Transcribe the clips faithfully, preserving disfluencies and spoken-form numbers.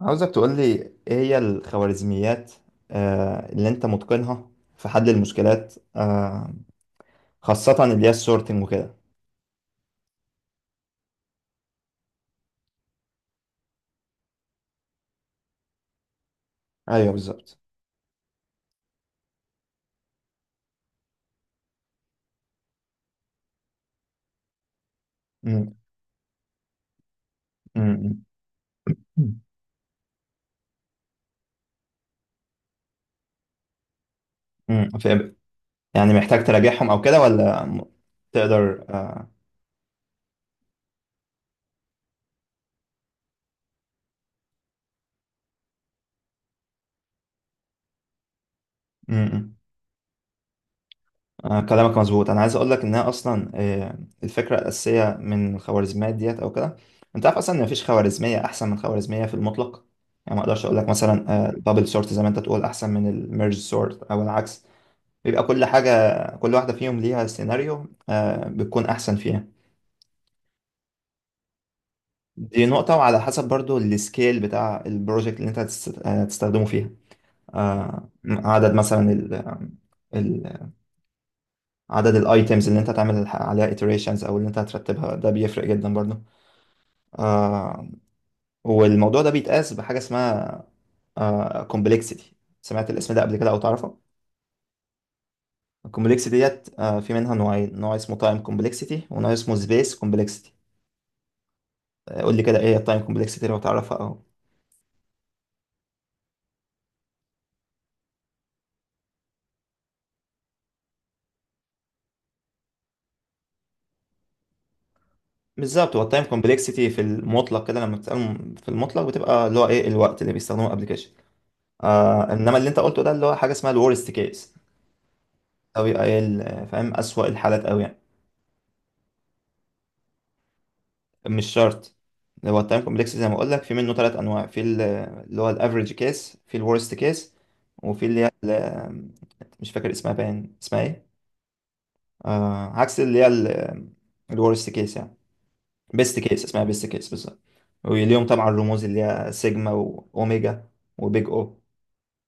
عاوزك تقولي ايه هي الخوارزميات، آه، اللي انت متقنها في حل المشكلات، آه، خاصة اللي هي السورتنج وكده. ايوه، بالظبط. مم. مم. مم. مم. فاهم. يعني محتاج تراجعهم او كده ولا م- تقدر، آه، مم. مم. آه، كلامك مظبوط. انا عايز اقول لك انها اصلا، آه، الفكرة الأساسية من الخوارزميات ديت او كده، انت عارف اصلا ان مفيش خوارزمية احسن من خوارزمية في المطلق. يعني ما اقدرش اقول لك مثلا، آه، البابل سورت زي ما انت تقول احسن من الميرج سورت او العكس. بيبقى كل حاجة، كل واحدة فيهم ليها سيناريو، آه، بتكون أحسن فيها. دي نقطة، وعلى حسب برضو السكيل بتاع البروجكت اللي أنت هتست- آه، هتستخدمه فيها. آه، عدد مثلا ال ال- عدد الايتمز اللي انت هتعمل الح- عليها iterations او اللي انت هترتبها، ده بيفرق جدا برضو. آه والموضوع ده بيتقاس بحاجة اسمها آه complexity. سمعت الاسم ده قبل كده او تعرفه؟ الكومبلكسيتي ديت آه في منها نوعين: نوع اسمه time complexity ونوع اسمه space complexity. قول لي كده، ايه التايم كومبلكسيتي لو تعرفها او. بالظبط، هو التايم كومبلكسيتي في المطلق كده، لما بتسأله م- في المطلق بتبقى اللي هو ايه الوقت اللي بيستخدمه الابلكيشن. آه انما اللي انت قلته ده اللي هو حاجه اسمها الورست كيس، او يبقى ايه ال- فاهم؟ اسوأ الحالات قوي يعني. مش شرط. هو التايم كومبلكسيتي زي ما اقول لك، في منه ثلاث انواع: في ال- اللي هو الافريج كيس، في الورست كيس، وفي اللي هي ال- مش فاكر اسمها، باين اسمها ايه، آه عكس اللي هي الورست كيس يعني. بيست كيس. اسمها بيست كيس بالظبط. واليوم طبعا الرموز اللي هي سيجما واوميجا وبيج او.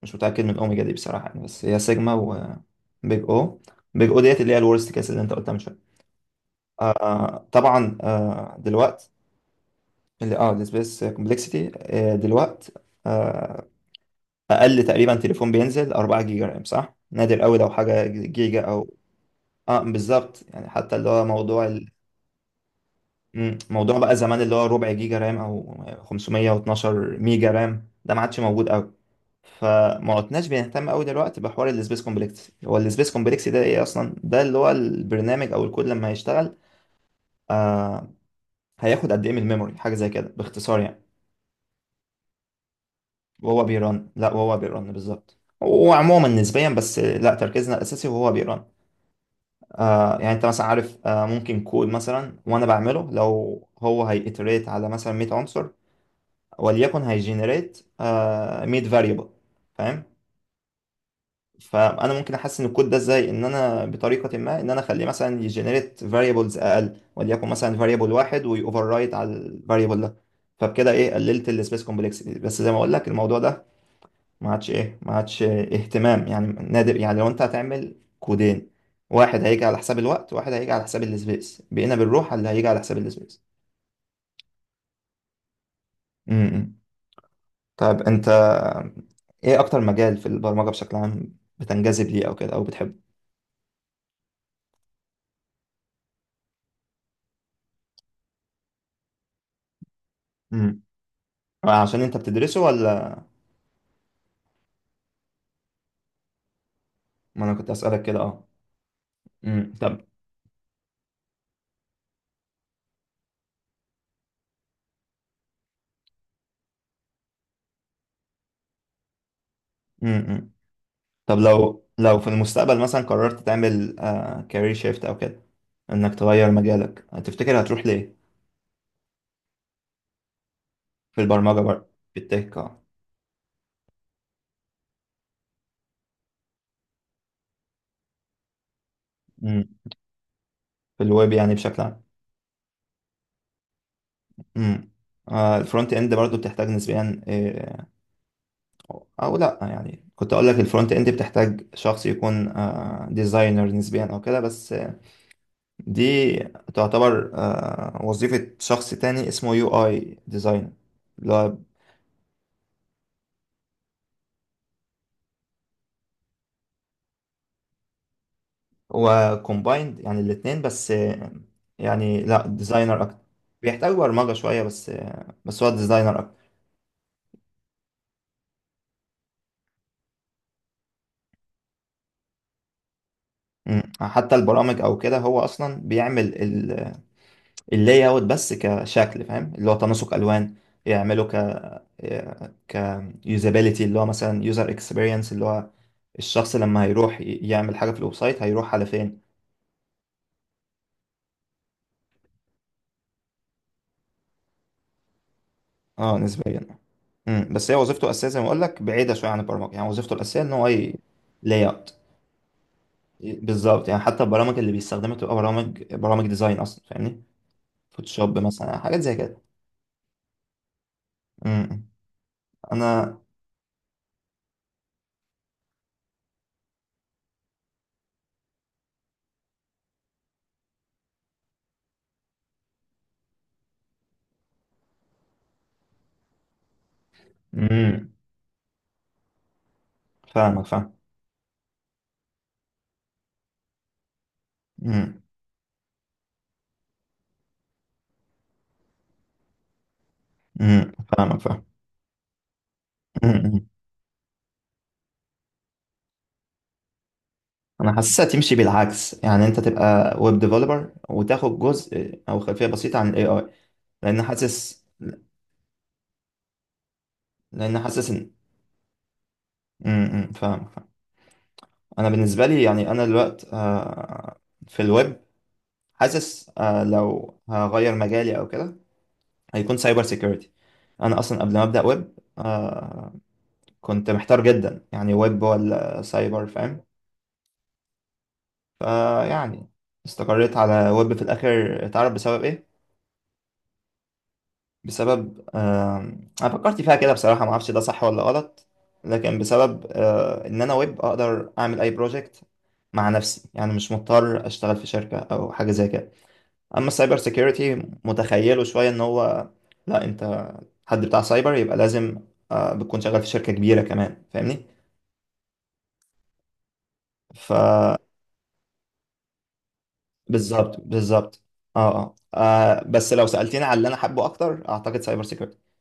مش متاكد من اوميجا دي بصراحه يعني، بس هي سيجما وبيج او. بيج او ديت اللي هي الورست كيس اللي انت قلتها من شويه. آه طبعا، آه دلوقتي اللي اه السبيس كومبلكسيتي، آه دلوقتي، آه اقل تقريبا تليفون بينزل اربعة جيجا رام جيجا رام، صح؟ نادر قوي لو حاجه جيجا او. اه، بالظبط يعني، حتى اللي هو موضوع. مم. موضوع بقى زمان اللي هو ربع جيجا رام او خمسميه واتناشر ميجا رام ميجا رام، ده ما عادش موجود قوي. فما عدناش بنهتم قوي دلوقتي بحوار السبيس كومبلكس. هو السبيس كومبلكس ده ايه اصلا؟ ده اللي هو البرنامج او الكود لما هيشتغل، آه هياخد قد ايه من الميموري. حاجه زي كده باختصار يعني. وهو بيرن، لا وهو بيرن بالظبط وعموما نسبيا، بس لا، تركيزنا الاساسي وهو بيرن. آه يعني انت مثلا عارف، آه ممكن كود مثلا وانا بعمله، لو هو هيتريت على مثلا 100 عنصر وليكن هيجنريت ميد فاريبل، فاهم؟ فانا ممكن احسن الكود ده ازاي، ان انا بطريقه ما ان انا اخليه مثلا يجنريت فاريبلز اقل، وليكن مثلا فاريبل واحد، ويوفر رايت على الفاريبل ده. فبكده ايه قللت السبيس كومبلكسيتي. بس زي ما اقول لك الموضوع ده ما عادش ايه ما عادش اهتمام يعني، نادر يعني. لو انت هتعمل كودين، واحد هيجي على حساب الوقت واحد هيجي على حساب السبيس، بقينا بنروح على اللي هيجي على حساب السبيس. طيب انت، ايه اكتر مجال في البرمجة بشكل عام بتنجذب ليه او كده او بتحبه؟ امم عشان انت بتدرسه ولا. ما انا كنت اسألك كده، اه. امم طب امم طب لو لو في المستقبل مثلا قررت تعمل كارير شيفت او كده، انك تغير مجالك، تفتكر هتروح ليه؟ في البرمجة برضه. في التك، اه. امم في الويب يعني بشكل عام. امم آه الفرونت اند برضه بتحتاج نسبيا، آه، او لا يعني، كنت اقول لك الفرونت اند بتحتاج شخص يكون ديزاينر نسبيا او كده، بس، آه، دي تعتبر، آه، وظيفة شخص تاني اسمه يو اي ديزاينر. اللي هو هو كومبايند يعني الاتنين، بس، آه، يعني لا، ديزاينر اكتر. بيحتاج برمجة شوية، بس، آه، بس هو ديزاينر اكتر. مم. حتى البرامج او كده، هو اصلا بيعمل اللاي اوت بس كشكل، فاهم؟ اللي هو تناسق الوان، يعمله ك ك يوزابيليتي، اللي هو مثلا يوزر اكسبيرينس، اللي هو الشخص لما هيروح ي- يعمل حاجه في الويب سايت، هيروح على فين. اه، نسبيا. امم بس هي وظيفته الاساسيه زي ما اقول لك، بعيده شويه عن البرمجه يعني. وظيفته الاساسيه ان هو لاي اوت. بالظبط يعني، حتى البرامج اللي بيستخدمها تبقى برامج برامج ديزاين اصلا، فاهمني؟ فوتوشوب مثلا، حاجات زي كده. امم انا. امم فاهمك، فاهم. امم امم فاهمك، فاهم. انا حاسسها تمشي بالعكس يعني، انت تبقى ويب ديفلوبر وتاخد جزء او خلفيه بسيطه عن الاي اي. لان حاسس لان حاسس ان. امم فاهم، فاهم. انا بالنسبه لي يعني، انا الوقت، آه، في الويب، حاسس، آه، لو هغير مجالي او كده هيكون سايبر سيكيورتي. انا اصلا قبل ما ابدا ويب، آه، كنت محتار جدا يعني، ويب ولا سايبر، فاهم؟ فيعني، استقريت على ويب في الاخر، تعرف بسبب ايه؟ بسبب، آه، انا فكرت فيها كده بصراحه، ما اعرفش ده صح ولا غلط. لكن بسبب، آه، ان انا ويب اقدر اعمل اي بروجكت مع نفسي يعني، مش مضطر اشتغل في شركه او حاجه زي كده. اما السايبر سيكيورتي، متخيله شويه ان هو، لا انت، حد بتاع سايبر يبقى لازم، آه، بتكون شغال في شركه كبيره كمان، فاهمني؟ ف بالظبط، بالظبط. اه، اه، آه، بس لو سالتني على اللي انا حابه اكتر، اعتقد سايبر سيكيورتي.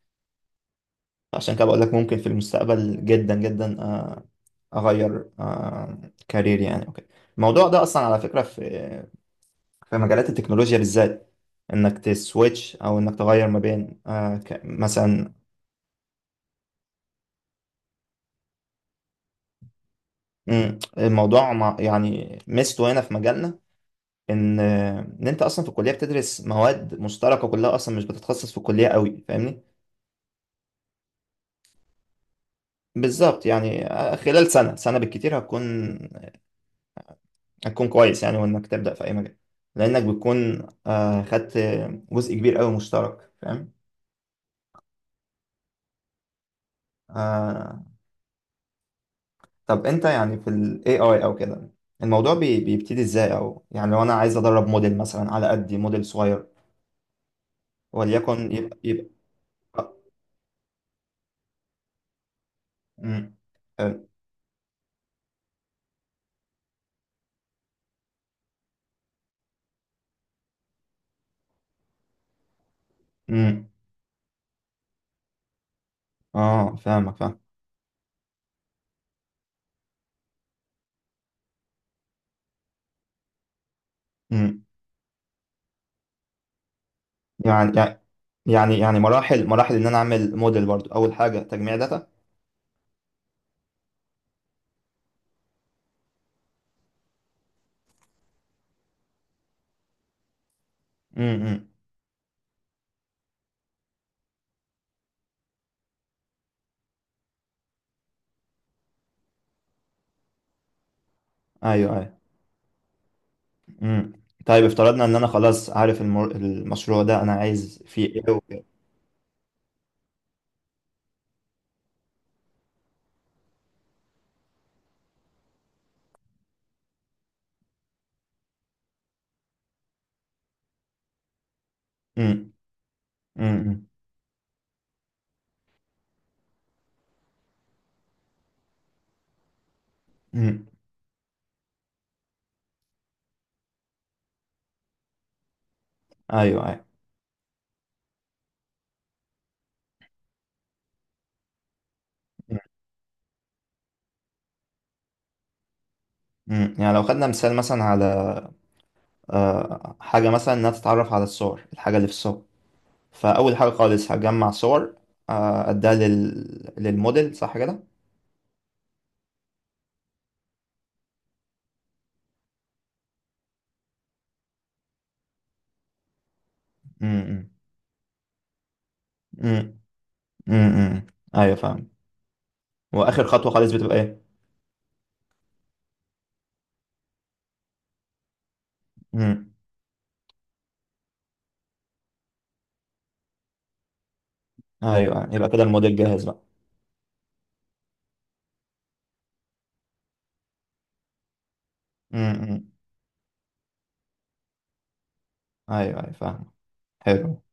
عشان كده بقول لك ممكن في المستقبل جدا جدا، آه، اغير آه، كارير يعني وكده. الموضوع ده اصلا على فكره، في في مجالات التكنولوجيا بالذات، انك تسويتش او انك تغير ما بين، آه، ك- مثلا. مم، الموضوع، مع يعني ميزته هنا في مجالنا، ان آه، ان انت اصلا في الكليه بتدرس مواد مشتركه كلها اصلا، مش بتتخصص في الكليه قوي، فاهمني؟ بالظبط يعني، آه، خلال سنه سنه بالكتير هتكون هتكون كويس يعني. وانك تبدا في اي مجال، لانك بتكون، آه، خدت جزء كبير قوي مشترك، فاهم؟ آه، طب انت يعني، في ال A I او كده، الموضوع بي بيبتدي ازاي، او يعني لو انا عايز ادرب موديل مثلا، على قدي موديل صغير، وليكن يبقى يبقى. امم امم اه، فاهمك، فاهم. امم يعني يعني يعني يعني مراحل مراحل ان انا اعمل موديل برضو، اول حاجة تجميع داتا. امم ايوه، ايوه. امم طيب افترضنا ان انا خلاص عارف المر... المشروع ده انا عايز فيه ايه وكده. امم امم امم ايوه، ايوه. مم. يعني لو خدنا مثال مثلا على، آه، حاجة مثلا إنها تتعرف على الصور، الحاجة اللي في الصور، فأول حاجة خالص هجمع صور، آه، أديها لل... للموديل، صح كده؟ امم امم امم أيوة، فاهم. وآخر خطوة خالص بتبقى إيه؟ امم أيوة، يبقى كده الموديل جاهز بقى. امم أيوة، أيوة، فاهم. حلو.